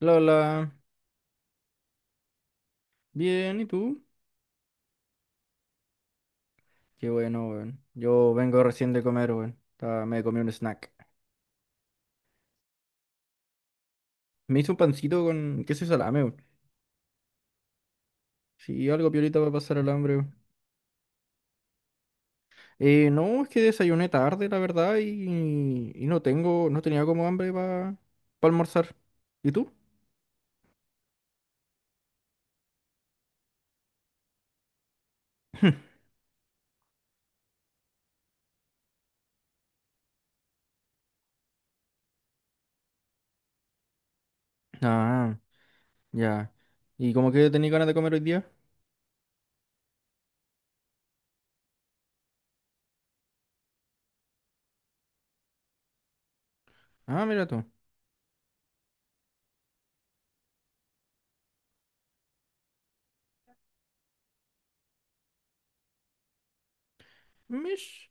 Lola, bien, ¿y tú? Qué bueno, weón. Yo vengo recién de comer, weón. Me comí un snack. Me hice un pancito con queso y salame, weón. Sí, algo piolita para pasar el hambre, weón. No, es que desayuné tarde, la verdad, y no tengo, no tenía como hambre para almorzar. ¿Y tú? Ah, ya. ¿Y como que tenía ganas de comer hoy día? Ah, mira tú. Mish.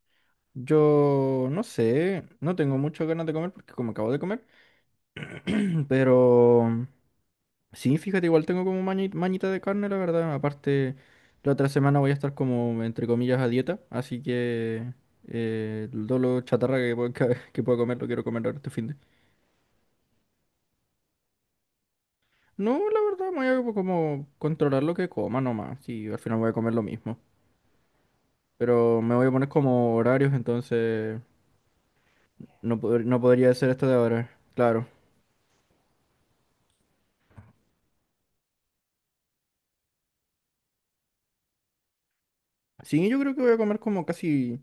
Yo no sé, no tengo muchas ganas de comer porque como acabo de comer, pero... Sí, fíjate, igual tengo como mañita de carne, la verdad. Aparte, la otra semana voy a estar como, entre comillas, a dieta, así que todo lo chatarra que, que pueda comer lo quiero comer ahora este fin de... No, la verdad, me voy a como controlar lo que coma nomás, y al final voy a comer lo mismo. Pero me voy a poner como horarios, entonces no, no podría ser esto de ahora, claro. Sí, yo creo que voy a comer como casi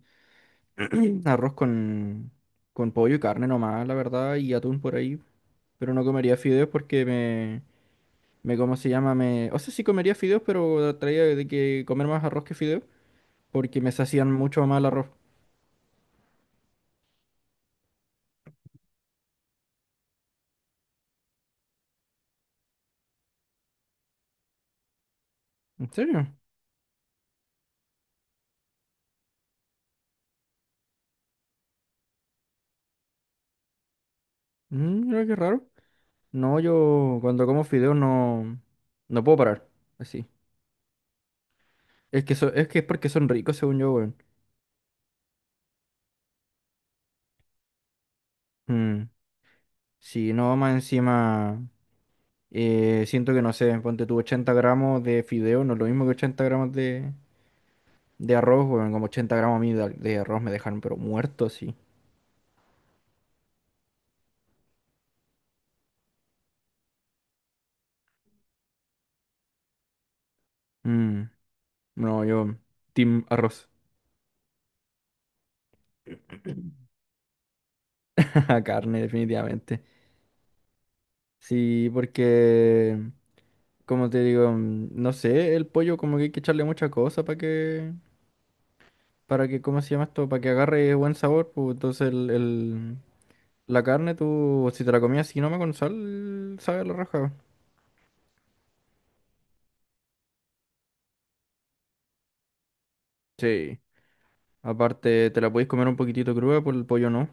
arroz con pollo y carne nomás, la verdad, y atún por ahí. Pero no comería fideos porque me, ¿cómo se llama? Me, o sea, sí comería fideos, pero traía de que comer más arroz que fideos porque me sacían mucho más el arroz. ¿En serio? Mm, mira qué raro. No, yo cuando como fideos no, no puedo parar. Así. Es que, es que es porque son ricos, según yo, weón. Mm, sí, no, más encima. Siento que no sé, ponte tú 80 gramos de fideo, no es lo mismo que 80 gramos de arroz, weón. Como 80 gramos a mí de arroz me dejaron, pero muerto, sí. No, yo, team arroz, carne, definitivamente. Sí, porque, como te digo, mm, no sé, el pollo como que hay que echarle mucha cosa para que, ¿cómo se llama esto? Para que agarre buen sabor, pues entonces la carne tú, si te la comías así nomás con sal, sabe a la raja. Sí, aparte te la podéis comer un poquitito cruda, por el pollo no.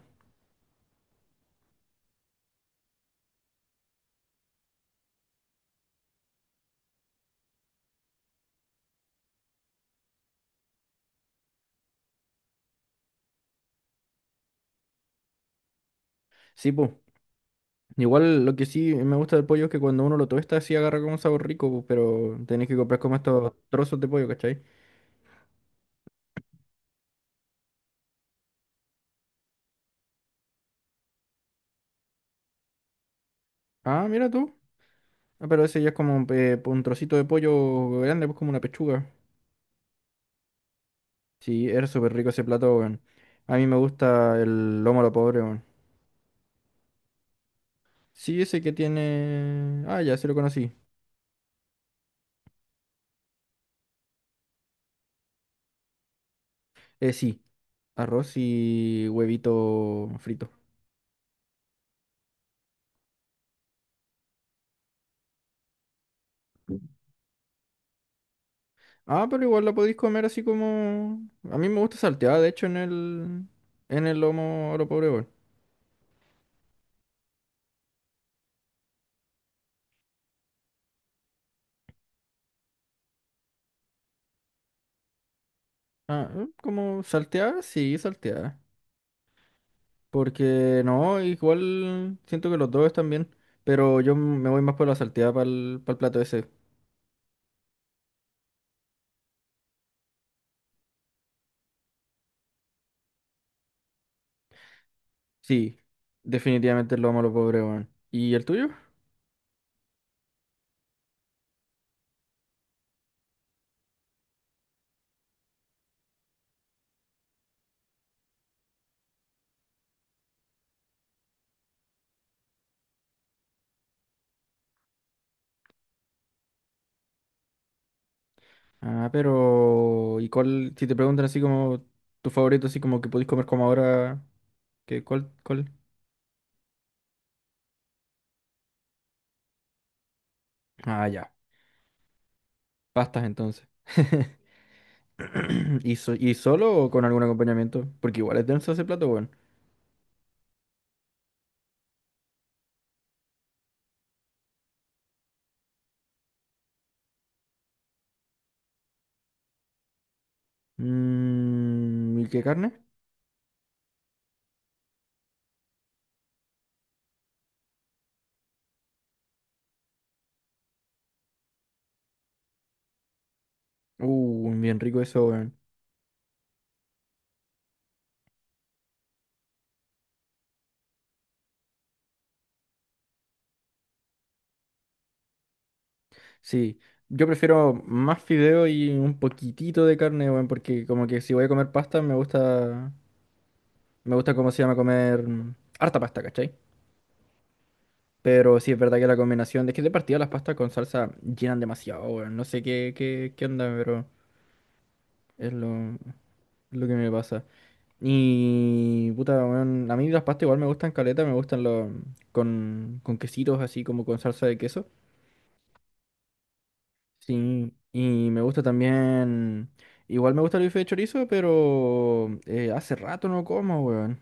Sí, pues, igual lo que sí me gusta del pollo es que cuando uno lo tuesta sí agarra como un sabor rico, pues, pero tenés que comprar como estos trozos de pollo, ¿cachai? Ah, mira tú. Ah, pero ese ya es como un trocito de pollo grande, pues como una pechuga. Sí, era súper rico ese plato, weón. A mí me gusta el lomo a lo pobre, weón. Sí, ese que tiene... Ah, ya, se lo conocí. Sí, arroz y huevito frito. Ah, pero igual la podéis comer así como... A mí me gusta salteada, de hecho, en el... En el lomo a lo pobre, weón. Ah, ¿eh? Como salteada, sí, salteada. Porque no, igual siento que los dos están bien, pero yo me voy más por la salteada para el, plato ese. Sí, definitivamente lo amo a los pobres, weón. ¿Y el tuyo? Ah, pero ¿y cuál? Si te preguntan así como tu favorito, así como que podéis comer como ahora, ¿qué, cuál, cuál? Ah, ya. Pastas entonces. ¿Y, y solo o con algún acompañamiento? Porque igual es denso ese plato, weón. Mm, ¿y qué carne? Bien rico eso, weón. Sí, yo prefiero más fideo y un poquitito de carne, weón, porque como que si voy a comer pasta, me gusta cómo se llama comer mm, harta pasta, ¿cachai? Pero sí es verdad que la combinación, es que de partida las pastas con salsa llenan demasiado, weón, no sé qué, qué, qué onda, pero es lo, es lo que me pasa. Y puta, weón, a mí las pastas igual me gustan caleta, me gustan los, con quesitos así como con salsa de queso. Sí, y me gusta también. Igual me gusta el bife de chorizo, pero hace rato no como, weón.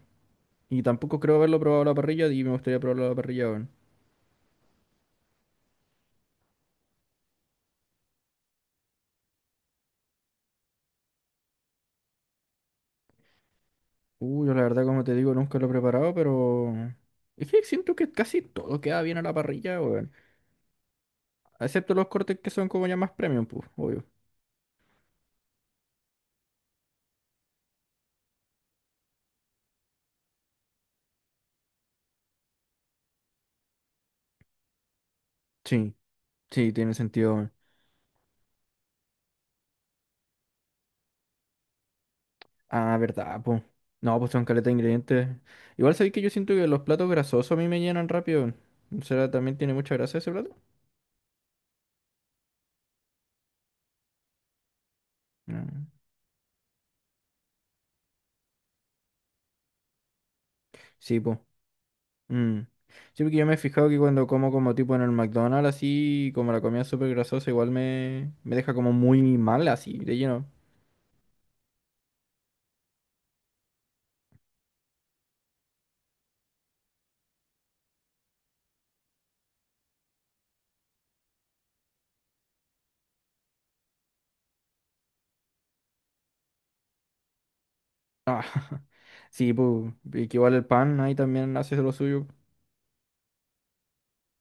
Y tampoco creo haberlo probado a la parrilla y me gustaría probarlo a la parrilla, weón. Uy, yo la verdad, como te digo, nunca lo he preparado, pero. Es que siento que casi todo queda bien a la parrilla, weón. Excepto los cortes que son como ya más premium, pues, obvio. Sí, sí, tiene sentido, weón. Ah, verdad, pues. No, pues son caleta de ingredientes. Igual sabéis que yo siento que los platos grasosos a mí me llenan rápido. Weón. ¿Será también tiene mucha grasa ese plato? Ah. Sí, pues. Sí, porque yo me he fijado que cuando como como tipo en el McDonald's así, como la comida es súper grasosa, igual me, me deja como muy mal así, de lleno. Ah, sí, pues. Y que igual el pan ahí también hace lo suyo.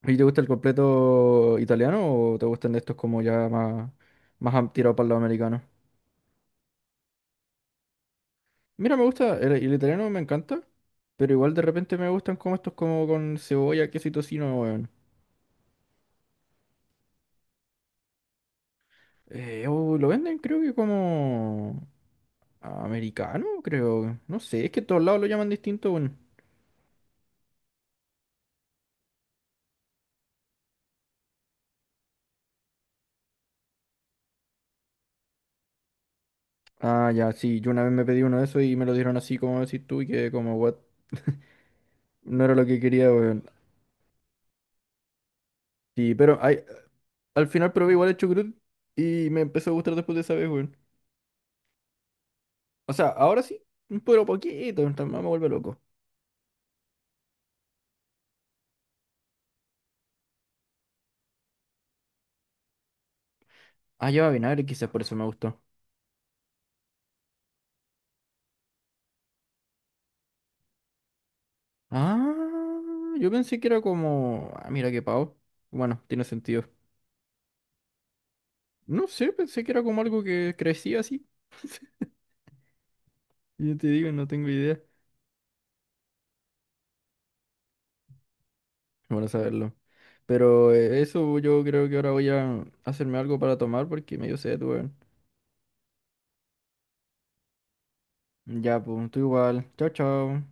¿Y te gusta el completo italiano o te gustan de estos como ya más, más tirado para el lado americano? Mira, me gusta, el italiano me encanta, pero igual de repente me gustan como estos como con cebolla, queso y tocino, weón. Oh, lo venden creo que como... Americano, creo. No sé, es que en todos lados lo llaman distinto, bueno. Ah, ya, sí, yo una vez me pedí uno de esos y me lo dieron así como decís tú y que como, what, no era lo que quería, weón. Sí, pero ay, al final probé igual el chucrut y me empezó a gustar después de esa vez, weón. O sea, ahora sí, pero poquito, entonces me vuelve loco. Ah, lleva vinagre, quizás por eso me gustó. Ah, yo pensé que era como, ah, mira qué pavo. Bueno, tiene sentido. No sé, pensé que era como algo que crecía así. Yo te digo, no tengo idea. Bueno saberlo. Pero eso yo creo que ahora voy a hacerme algo para tomar porque medio sed, weón. Ya, pues, tú igual. Chao, chao.